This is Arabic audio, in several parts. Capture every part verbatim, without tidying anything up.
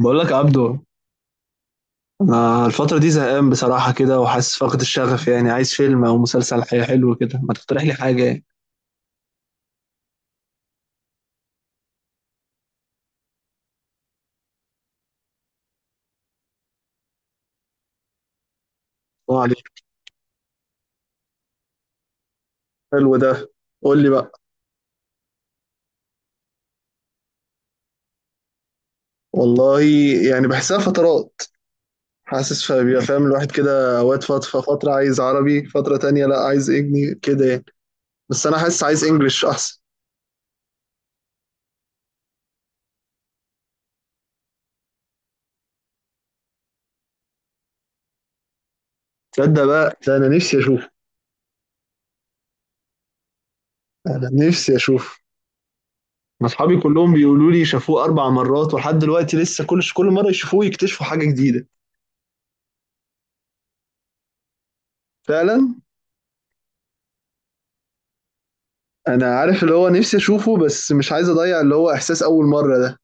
بقول لك عبدو، انا الفترة دي زهقان بصراحة كده وحاسس فقد الشغف. يعني عايز فيلم او مسلسل حي- حلو كده، ما تقترح لي حاجة يعني. الله عليك. حلو ده. قول لي بقى. والله يعني بحسها فترات، حاسس، فبيبقى فاهم الواحد كده اوقات، فترة فترة عايز عربي، فترة تانية لا عايز انجلي كده يعني. بس انا حاسس عايز انجلش احسن. تصدق بقى ده انا نفسي اشوف. انا نفسي اشوف. ما اصحابي كلهم بيقولوا لي شافوه اربع مرات، ولحد دلوقتي لسه كل كل مرة يشوفوه يكتشفوا حاجة جديدة. فعلا. انا عارف اللي هو نفسي اشوفه، بس مش عايز اضيع اللي هو احساس اول مرة ده.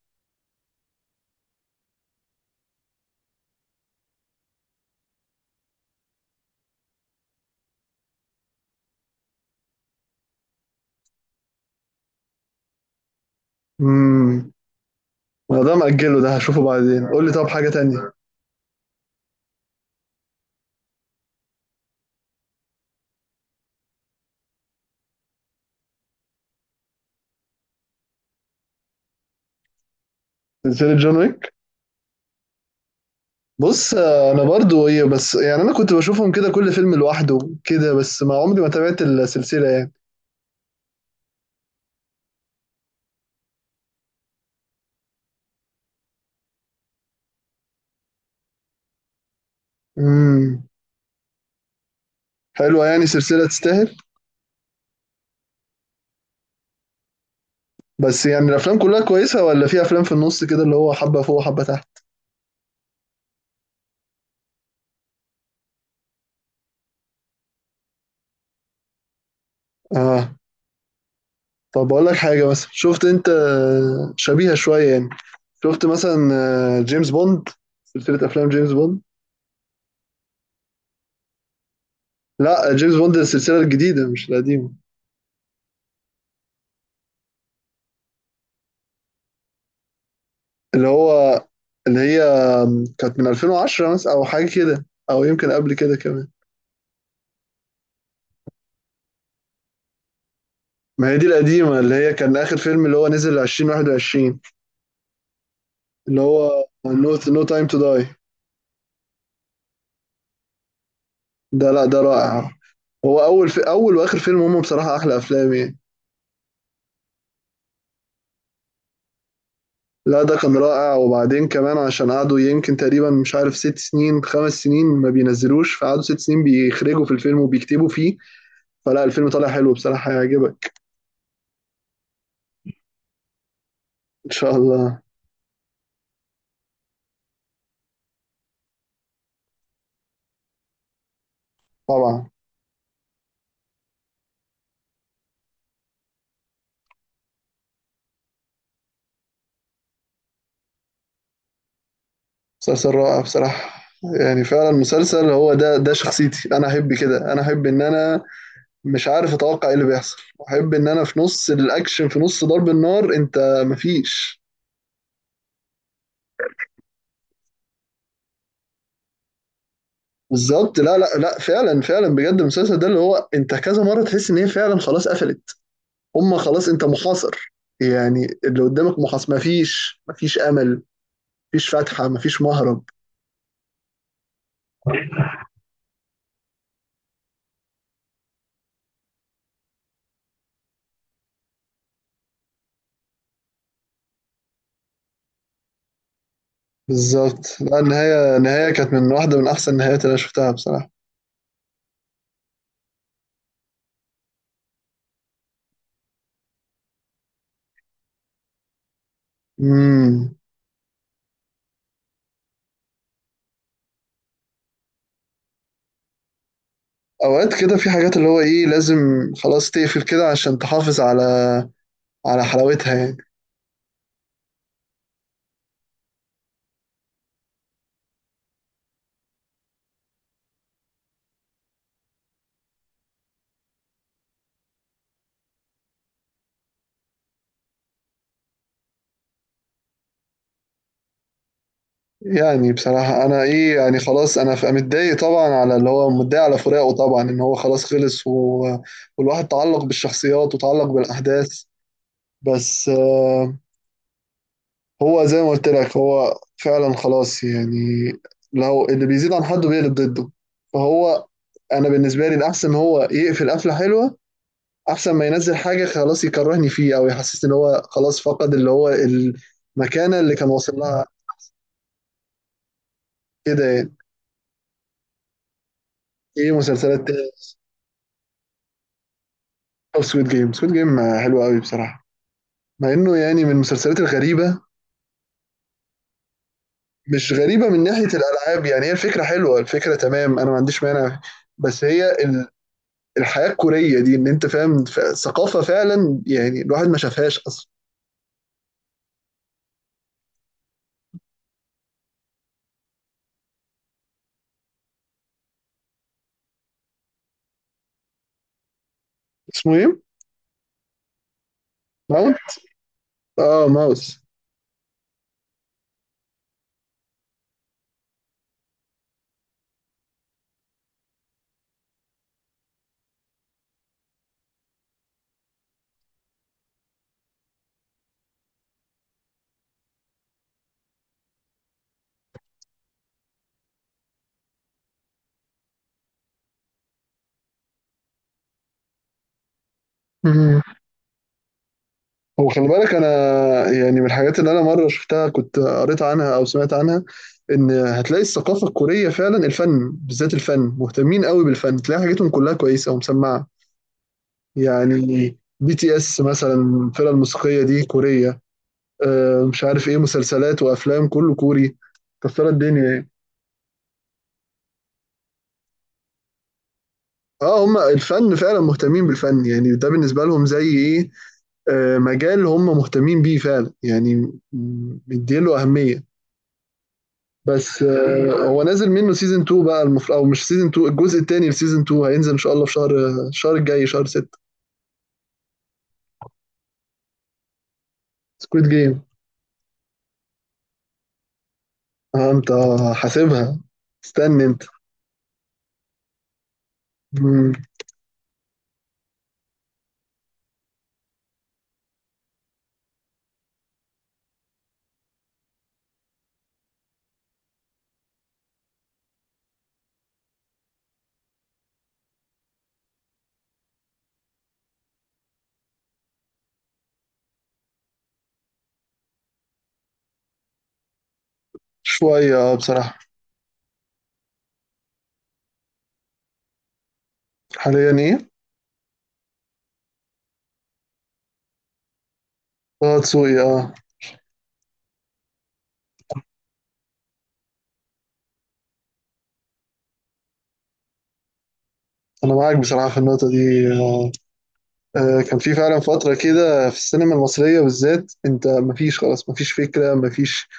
امم انا ده مأجله، ده هشوفه بعدين. قول لي طب حاجة تانية. سلسلة جون ويك. بص آه، انا برضو هي، بس يعني انا كنت بشوفهم كده كل فيلم لوحده كده، بس ما عمري ما تابعت السلسلة يعني. امم حلوة يعني، سلسلة تستاهل. بس يعني الافلام كلها كويسة، ولا في افلام في النص كده اللي هو حبة فوق وحبة تحت؟ اه. طب اقول لك حاجه، مثلا شفت انت شبيهه شويه يعني، شفت مثلا آه، جيمس بوند، سلسله افلام جيمس بوند؟ لا، جيمس بوند السلسله الجديده مش القديمه. اللي هو، اللي هي كانت من الفين وعشرة مثلا او حاجه كده، او يمكن قبل كده كمان. ما هي دي القديمه اللي هي كان اخر فيلم اللي هو نزل الفين وواحد وعشرين، اللي هو نو نو تايم تو داي. ده لا، ده رائع. هو اول، في اول واخر فيلم هم بصراحه احلى افلام يعني. لا ده كان رائع، وبعدين كمان عشان قعدوا يمكن تقريبا مش عارف ست سنين، خمس سنين ما بينزلوش، فقعدوا ست سنين بيخرجوا في الفيلم وبيكتبوا فيه، فلا الفيلم طالع حلو بصراحة، هيعجبك. إن شاء الله. طبعا. مسلسل رائع بصراحة، يعني فعلا مسلسل، هو ده ده شخصيتي، أنا أحب كده، أنا أحب إن أنا مش عارف أتوقع إيه اللي بيحصل، وأحب إن أنا في نص الأكشن، في نص ضرب النار أنت مفيش. بالظبط، لا لا لا فعلا فعلا بجد، المسلسل ده اللي هو أنت كذا مرة تحس إن هي فعلا خلاص قفلت، هم خلاص انت محاصر، يعني اللي قدامك محاصر، مفيش مفيش امل، مفيش فتحة، مفيش مهرب. بالظبط، لا، النهاية النهاية كانت من واحدة من أحسن النهايات اللي أنا شفتها بصراحة. امم أوقات كده في حاجات اللي هو إيه، لازم خلاص تقفل كده عشان تحافظ على على حلاوتها يعني. يعني بصراحة أنا إيه، يعني خلاص أنا ف- متضايق طبعا، على اللي هو متضايق على فراقه طبعا، إن هو خلاص خلص و... والواحد تعلق بالشخصيات وتعلق بالأحداث. بس آه، هو زي ما قلت لك هو فعلا خلاص يعني، لو اللي بيزيد عن حده بيقلب ضده، فهو انا بالنسبه لي الاحسن هو يقفل قفله حلوه، احسن ما ينزل حاجه خلاص يكرهني فيه، او يحسسني ان هو خلاص فقد اللي هو المكانه اللي كان واصل لها، كده يعني. ايه مسلسلات تاني؟ او سquid جيم. سquid جيم حلو قوي بصراحه، مع انه يعني من المسلسلات الغريبه. مش غريبه من ناحيه الالعاب يعني، هي الفكره حلوه، الفكره تمام، انا ما عنديش مانع، بس هي الحياه الكوريه دي، ان انت فاهم ف- ثقافه فعلا يعني الواحد ما شافهاش اصلا. اسمه ايه؟ ماونت؟ اه، ماوس. مم. هو خلي بالك انا، يعني من الحاجات اللي انا مره شفتها كنت قريت عنها او سمعت عنها، ان هتلاقي الثقافه الكوريه فعلا الفن بالذات، الفن مهتمين قوي بالفن، تلاقي حاجاتهم كلها كويسه ومسمعه، يعني بي تي اس مثلا، الفرقه الموسيقيه دي كوريه. آه، مش عارف ايه، مسلسلات وافلام كله كوري، كسرت الدنيا يعني. اه هم الفن فعلا مهتمين بالفن، يعني ده بالنسبة لهم زي ايه، آه، مجال هم مهتمين بيه فعلا يعني، م- مديله أهمية. بس آه، هو نازل منه سيزون الثاني بقى المفروض، او مش سيزون الثاني، الجزء الثاني لسيزون الثاني هينزل ان شاء الله في شهر، الشهر الجاي شهر ست. سكويد جيم. اه انت حاسبها، استنى انت. مم. شوية آه، بصراحة. حاليا ايه؟ اه، تسوقي، اه. انا معاك بصراحة في النقطة دي. آه، آه، كان في فعلا فترة كده في السينما المصرية بالذات، انت مفيش خلاص، مفيش فكرة، مفيش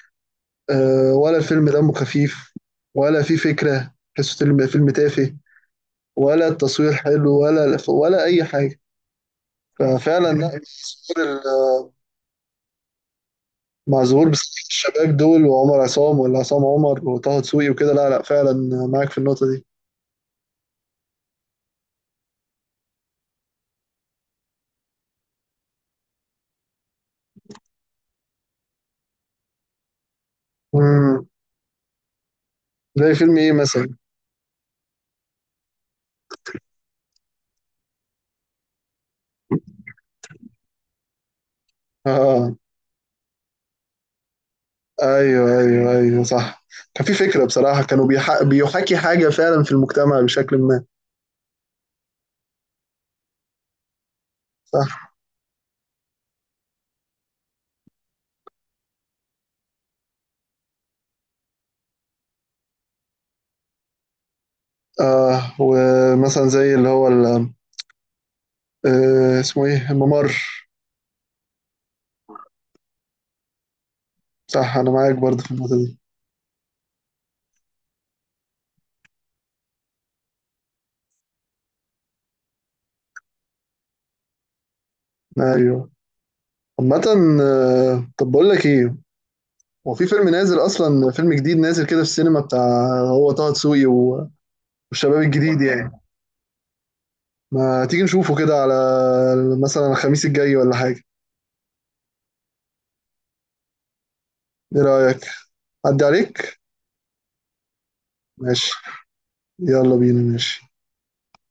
آه، ولا الفيلم دمه خفيف، ولا في فكرة، تحسه فيلم فيلم تافه، ولا التصوير حلو، ولا ولا أي حاجة، ففعلا لا. ظهور ال- مع ظهور بس- الشباب دول، وعمر عصام، ولا عصام عمر، وطه دسوقي وكده، لا لا فعلا معاك في النقطة دي. مم. زي فيلم ايه مثلا؟ اه، ايوه ايوه ايوه صح، كان في فكرة بصراحة، كانوا بيح... بيحاكي حاجة فعلا في المجتمع بشكل ما. صح. آه، ومثلا زي اللي هو ال... آه اسمه ايه، الممر. صح، انا معاك برضه في النقطة دي. ايوه. عامة آه، طب بقول لك ايه، هو في فيلم نازل اصلا، فيلم جديد نازل كده في السينما بتاع، هو طه دسوقي و- والشباب الجديد يعني. ما تيجي نشوفه كده على مثلا الخميس الجاي ولا حاجة؟ ايه رأيك؟ عدي عليك. ماشي، يلا بينا، ماشي.